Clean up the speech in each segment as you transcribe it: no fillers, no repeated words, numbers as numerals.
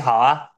你好啊。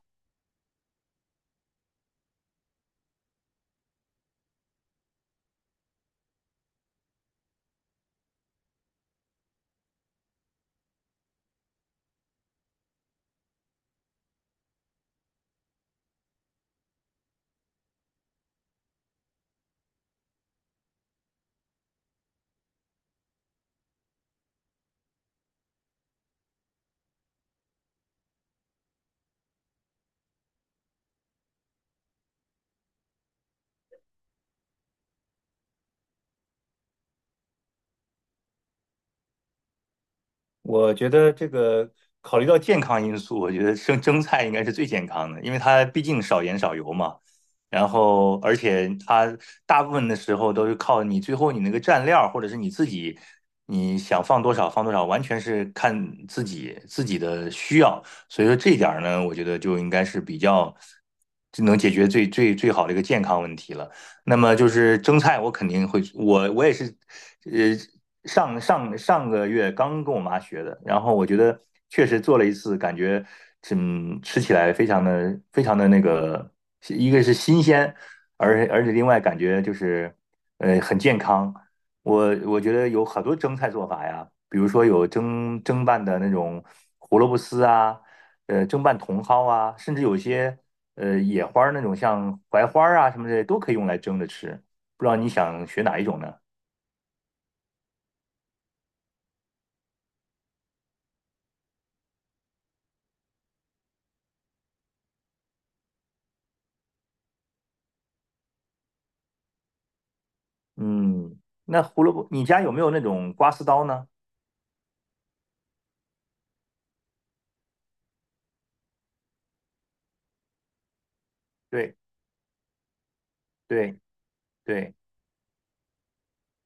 我觉得这个考虑到健康因素，我觉得生蒸菜应该是最健康的，因为它毕竟少盐少油嘛。然后，而且它大部分的时候都是靠你最后你那个蘸料，或者是你自己你想放多少放多少，完全是看自己的需要。所以说这一点儿呢，我觉得就应该是比较就能解决最好的一个健康问题了。那么就是蒸菜，我肯定会，我也是，呃，上个月刚跟我妈学的。然后我觉得确实做了一次，感觉吃起来非常的一个是新鲜，而且另外感觉就是很健康。我觉得有很多蒸菜做法呀，比如说有蒸拌的那种胡萝卜丝啊，蒸拌茼蒿啊，甚至有些野花儿那种，像槐花儿啊什么的都可以用来蒸着吃。不知道你想学哪一种呢？嗯。那胡萝卜，你家有没有那种刮丝刀呢？对对对。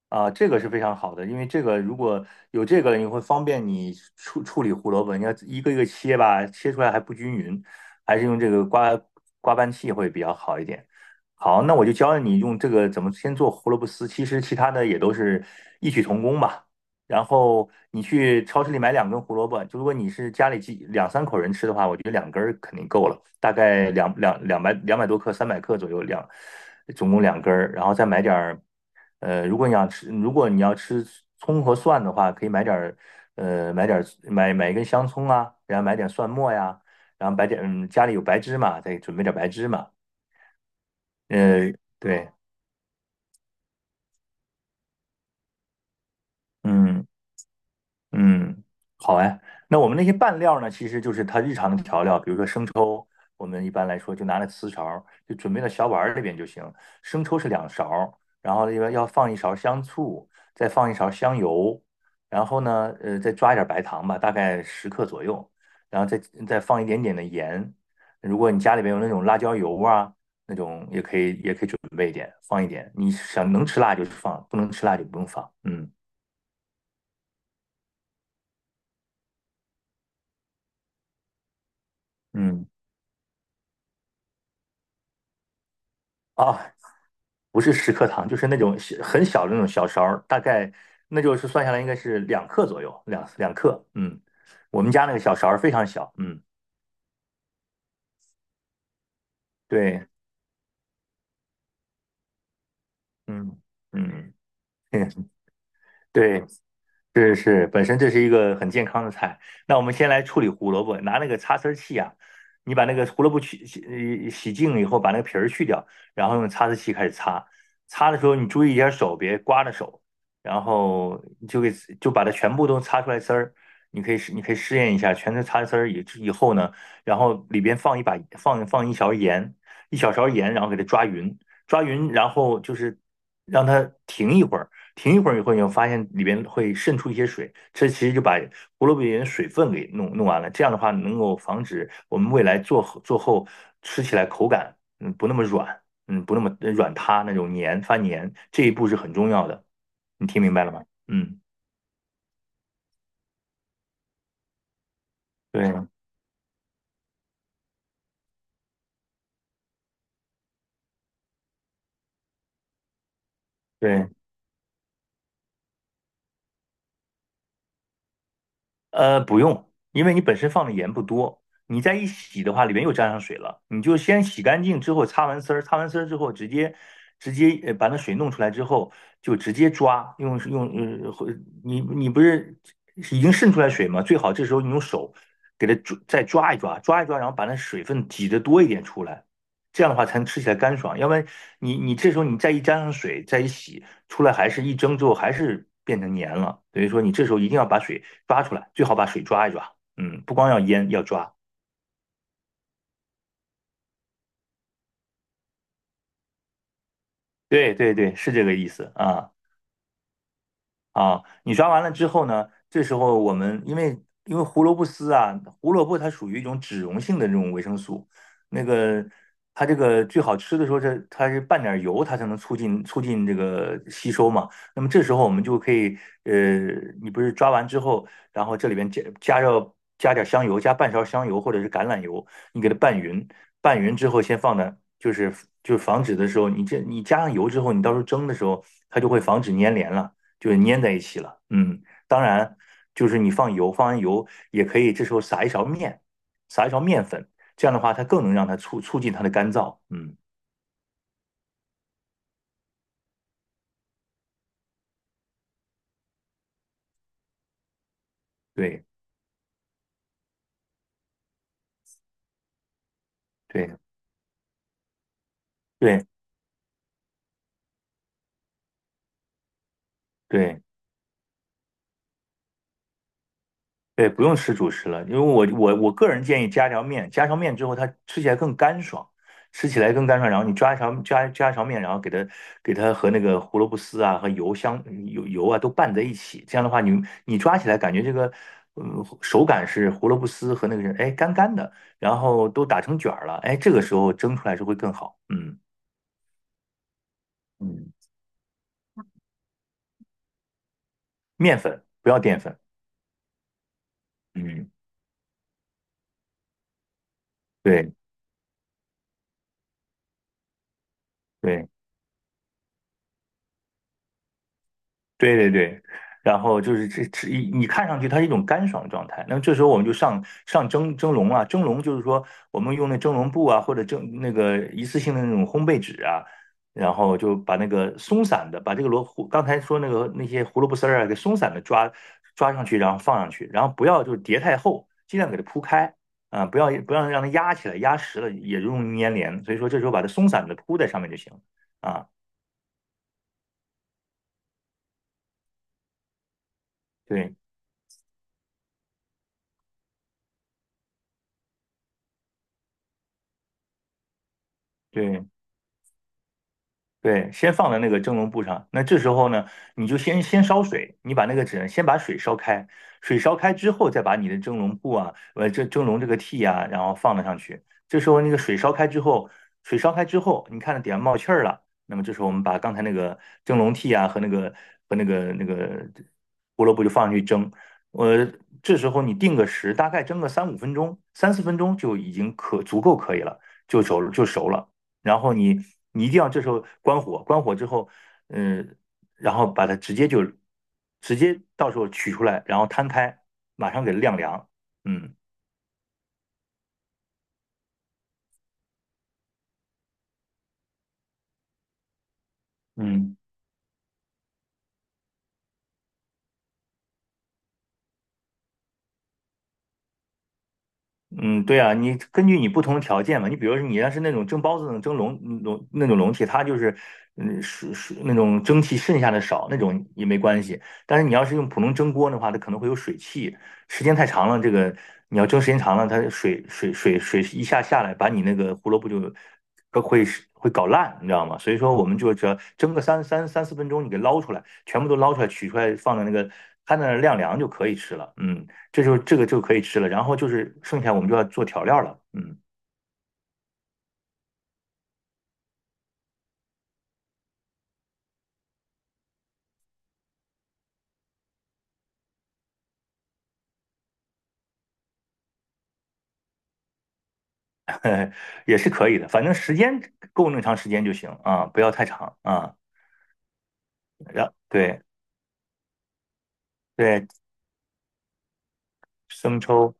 啊，这个是非常好的，因为这个如果有这个，你会方便你处理胡萝卜，你要一个一个切吧，切出来还不均匀，还是用这个刮拌器会比较好一点。好，那我就教你用这个怎么先做胡萝卜丝，其实其他的也都是异曲同工吧。然后你去超市里买两根胡萝卜，就如果你是家里两三口人吃的话，我觉得两根儿肯定够了，大概200多克、300克左右总共两根儿，然后再买点儿。如果你要吃葱和蒜的话，可以买点儿，买一根香葱啊，然后买点蒜末呀，然后买点，家里有白芝麻，再准备点白芝麻。呃，对。嗯。嗯，好哎。那我们那些拌料呢，其实就是它日常的调料，比如说生抽，我们一般来说就拿来瓷勺儿就准备到小碗儿里边就行。生抽是两勺儿，然后另外要放一勺香醋，再放一勺香油，然后呢，再抓一点白糖吧，大概十克左右，然后再放一点点的盐。如果你家里边有那种辣椒油啊，那种也可以，也可以准备一点，放一点。你想能吃辣就放，不能吃辣就不用放。嗯嗯。啊，不是十克糖，就是那种小很小的那种小勺儿，大概那就是算下来应该是两克左右，两克。我们家那个小勺儿非常小。嗯，对，嗯嗯。对。是是，本身这是一个很健康的菜。那我们先来处理胡萝卜，拿那个擦丝儿器啊，你把那个胡萝卜去洗净了以后，把那个皮儿去掉，然后用擦丝器开始擦。擦的时候你注意一下手，别刮着手，然后你就把它全部都擦出来丝儿。你可以试验一下，全都擦丝儿以后呢，然后里边放一勺盐，一小勺盐，然后给它抓匀，抓匀，然后就是让它停一会儿。停一会儿以后，你会发现里边会渗出一些水，这其实就把胡萝卜里面的水分给弄完了。这样的话，能够防止我们未来做后吃起来口感不那么软，不那么软塌那种黏发黏，这一步是很重要的。你听明白了吗？嗯，对对。不用，因为你本身放的盐不多，你再一洗的话，里面又沾上水了。你就先洗干净之后，擦完丝儿，擦完丝儿之后，直接把那水弄出来之后，就直接抓，用用呃，或你不是已经渗出来水吗？最好这时候你用手给它抓，再抓一抓，抓一抓，然后把那水分挤得多一点出来，这样的话才能吃起来干爽。要不然你这时候你再一沾上水，再一洗。出来还是一蒸之后还是变成黏了，等于说你这时候一定要把水抓出来，最好把水抓一抓，嗯，不光要腌，要抓，对对对，是这个意思啊。啊，你抓完了之后呢，这时候我们因为胡萝卜丝啊，胡萝卜它属于一种脂溶性的这种维生素，那个它这个最好吃的时候，这它是拌点油，它才能促进这个吸收嘛。那么这时候我们就可以，呃，你不是抓完之后，然后这里边加点香油，加半勺香油或者是橄榄油，你给它拌匀，拌匀之后先放那，就是防止的时候，你这你加上油之后，你到时候蒸的时候，它就会防止粘连了。就粘在一起了。嗯，当然就是你放油，放完油也可以，这时候撒一勺面，撒一勺面粉，这样的话它更能让它促进它的干燥。嗯，对对对对。对，不用吃主食了，因为我个人建议加条面，之后它吃起来更干爽，吃起来更干爽。然后你抓一条加一条面，然后给它和那个胡萝卜丝啊香油啊都拌在一起，这样的话你抓起来感觉这个手感是胡萝卜丝和那个是哎干干的，然后都打成卷儿了，哎这个时候蒸出来是会更好。嗯嗯。面粉不要淀粉。嗯，对对。对对对，然后就是这一你看上去它是一种干爽的状态，那么这时候我们就上蒸笼啊，蒸笼就是说我们用那蒸笼布啊，或者蒸那个一次性的那种烘焙纸啊，然后就把那个松散的，把这个萝卜刚才说那些胡萝卜丝儿啊，给松散的抓上去，然后放上去，然后不要就是叠太厚，尽量给它铺开啊，不要让它压起来，压实了也容易粘连，所以说这时候把它松散的铺在上面就行了啊，对对。对，先放在那个蒸笼布上。那这时候呢，你就先烧水，你把那个纸先把水烧开，水烧开之后，再把你的蒸笼布啊，这蒸笼这个屉啊，然后放了上去。这时候那个水烧开之后，你看着底下冒气儿了，那么这时候我们把刚才那个蒸笼屉啊和那个那个胡萝卜就放上去蒸。呃，这时候你定个时，大概蒸个3-5分钟、3-4分钟就已经足够可以了，就熟了。然后你一定要这时候关火，关火之后，嗯，然后把它直接到时候取出来，然后摊开，马上给晾凉，嗯。嗯。嗯，对啊，你根据你不同的条件嘛，你比如说你要是那种蒸包子那种蒸笼那种笼屉，它就是是是那种蒸汽剩下的少，那种也没关系。但是你要是用普通蒸锅的话，它可能会有水汽，时间太长了，这个你要蒸时间长了，它水一下下来，把你那个胡萝卜就都会搞烂，你知道吗？所以说我们就只要蒸个三四分钟，你给捞出来，全部都捞出来，取出来放在那个摊在那儿晾凉就可以吃了。嗯。这个就可以吃了，然后就是剩下我们就要做调料了。嗯。也是可以的，反正时间够那么长时间就行啊，不要太长啊。然对对，生抽，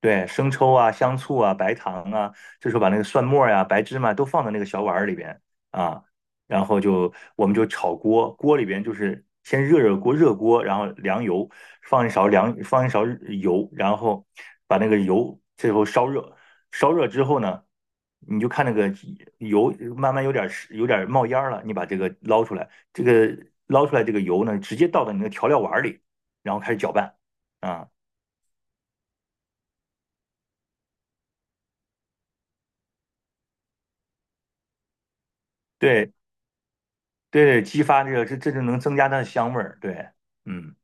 对，生抽啊、香醋啊、白糖啊，这时候把那个蒜末呀、白芝麻都放到那个小碗儿里边啊，然后我们就炒锅，锅里边就是先热锅，然后凉油，放一勺油，然后把那个油最后烧热，烧热之后呢，你就看那个油慢慢有点冒烟儿了，你把这个捞出来，这个捞出来这个油呢，直接倒到你那个调料碗儿里，然后开始搅拌啊。对，对对，激发这个，这就能增加它的香味儿。对。嗯。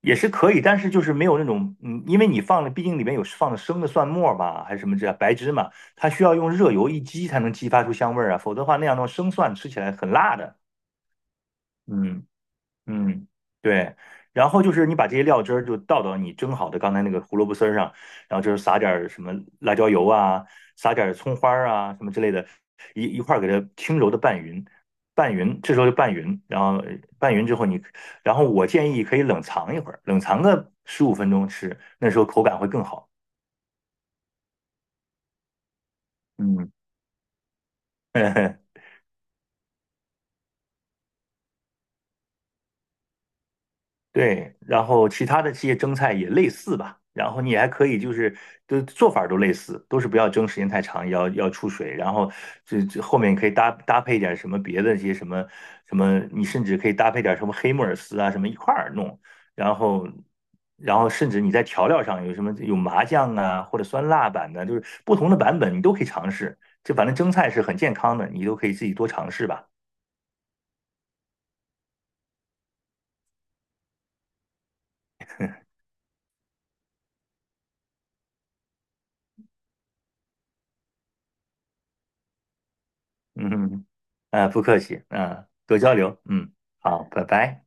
也是可以，但是就是没有那种。嗯，因为你放了，毕竟里面有放的生的蒜末吧，还是什么这白芝麻，它需要用热油一激才能激发出香味儿啊，否则的话那样的话生蒜吃起来很辣的。嗯。嗯，对，然后就是你把这些料汁儿就倒到你蒸好的刚才那个胡萝卜丝儿上，然后就是撒点儿什么辣椒油啊，撒点儿葱花儿啊什么之类的，一块儿给它轻柔的拌匀，拌匀，这时候就拌匀，然后拌匀之后你，然后我建议可以冷藏一会儿，冷藏个15分钟吃，那时候口感会更好。嗯。对，然后其他的这些蒸菜也类似吧，然后你还可以就是都做法儿都类似，都是不要蒸时间太长，要出水，然后这后面可以搭配点什么别的一些什么什么，你甚至可以搭配点什么黑木耳丝啊什么一块儿弄，然后甚至你在调料上有什么有麻酱啊或者酸辣版的，就是不同的版本你都可以尝试，就反正蒸菜是很健康的，你都可以自己多尝试吧。嗯哼。呃，不客气。嗯，多交流。嗯，好，拜拜。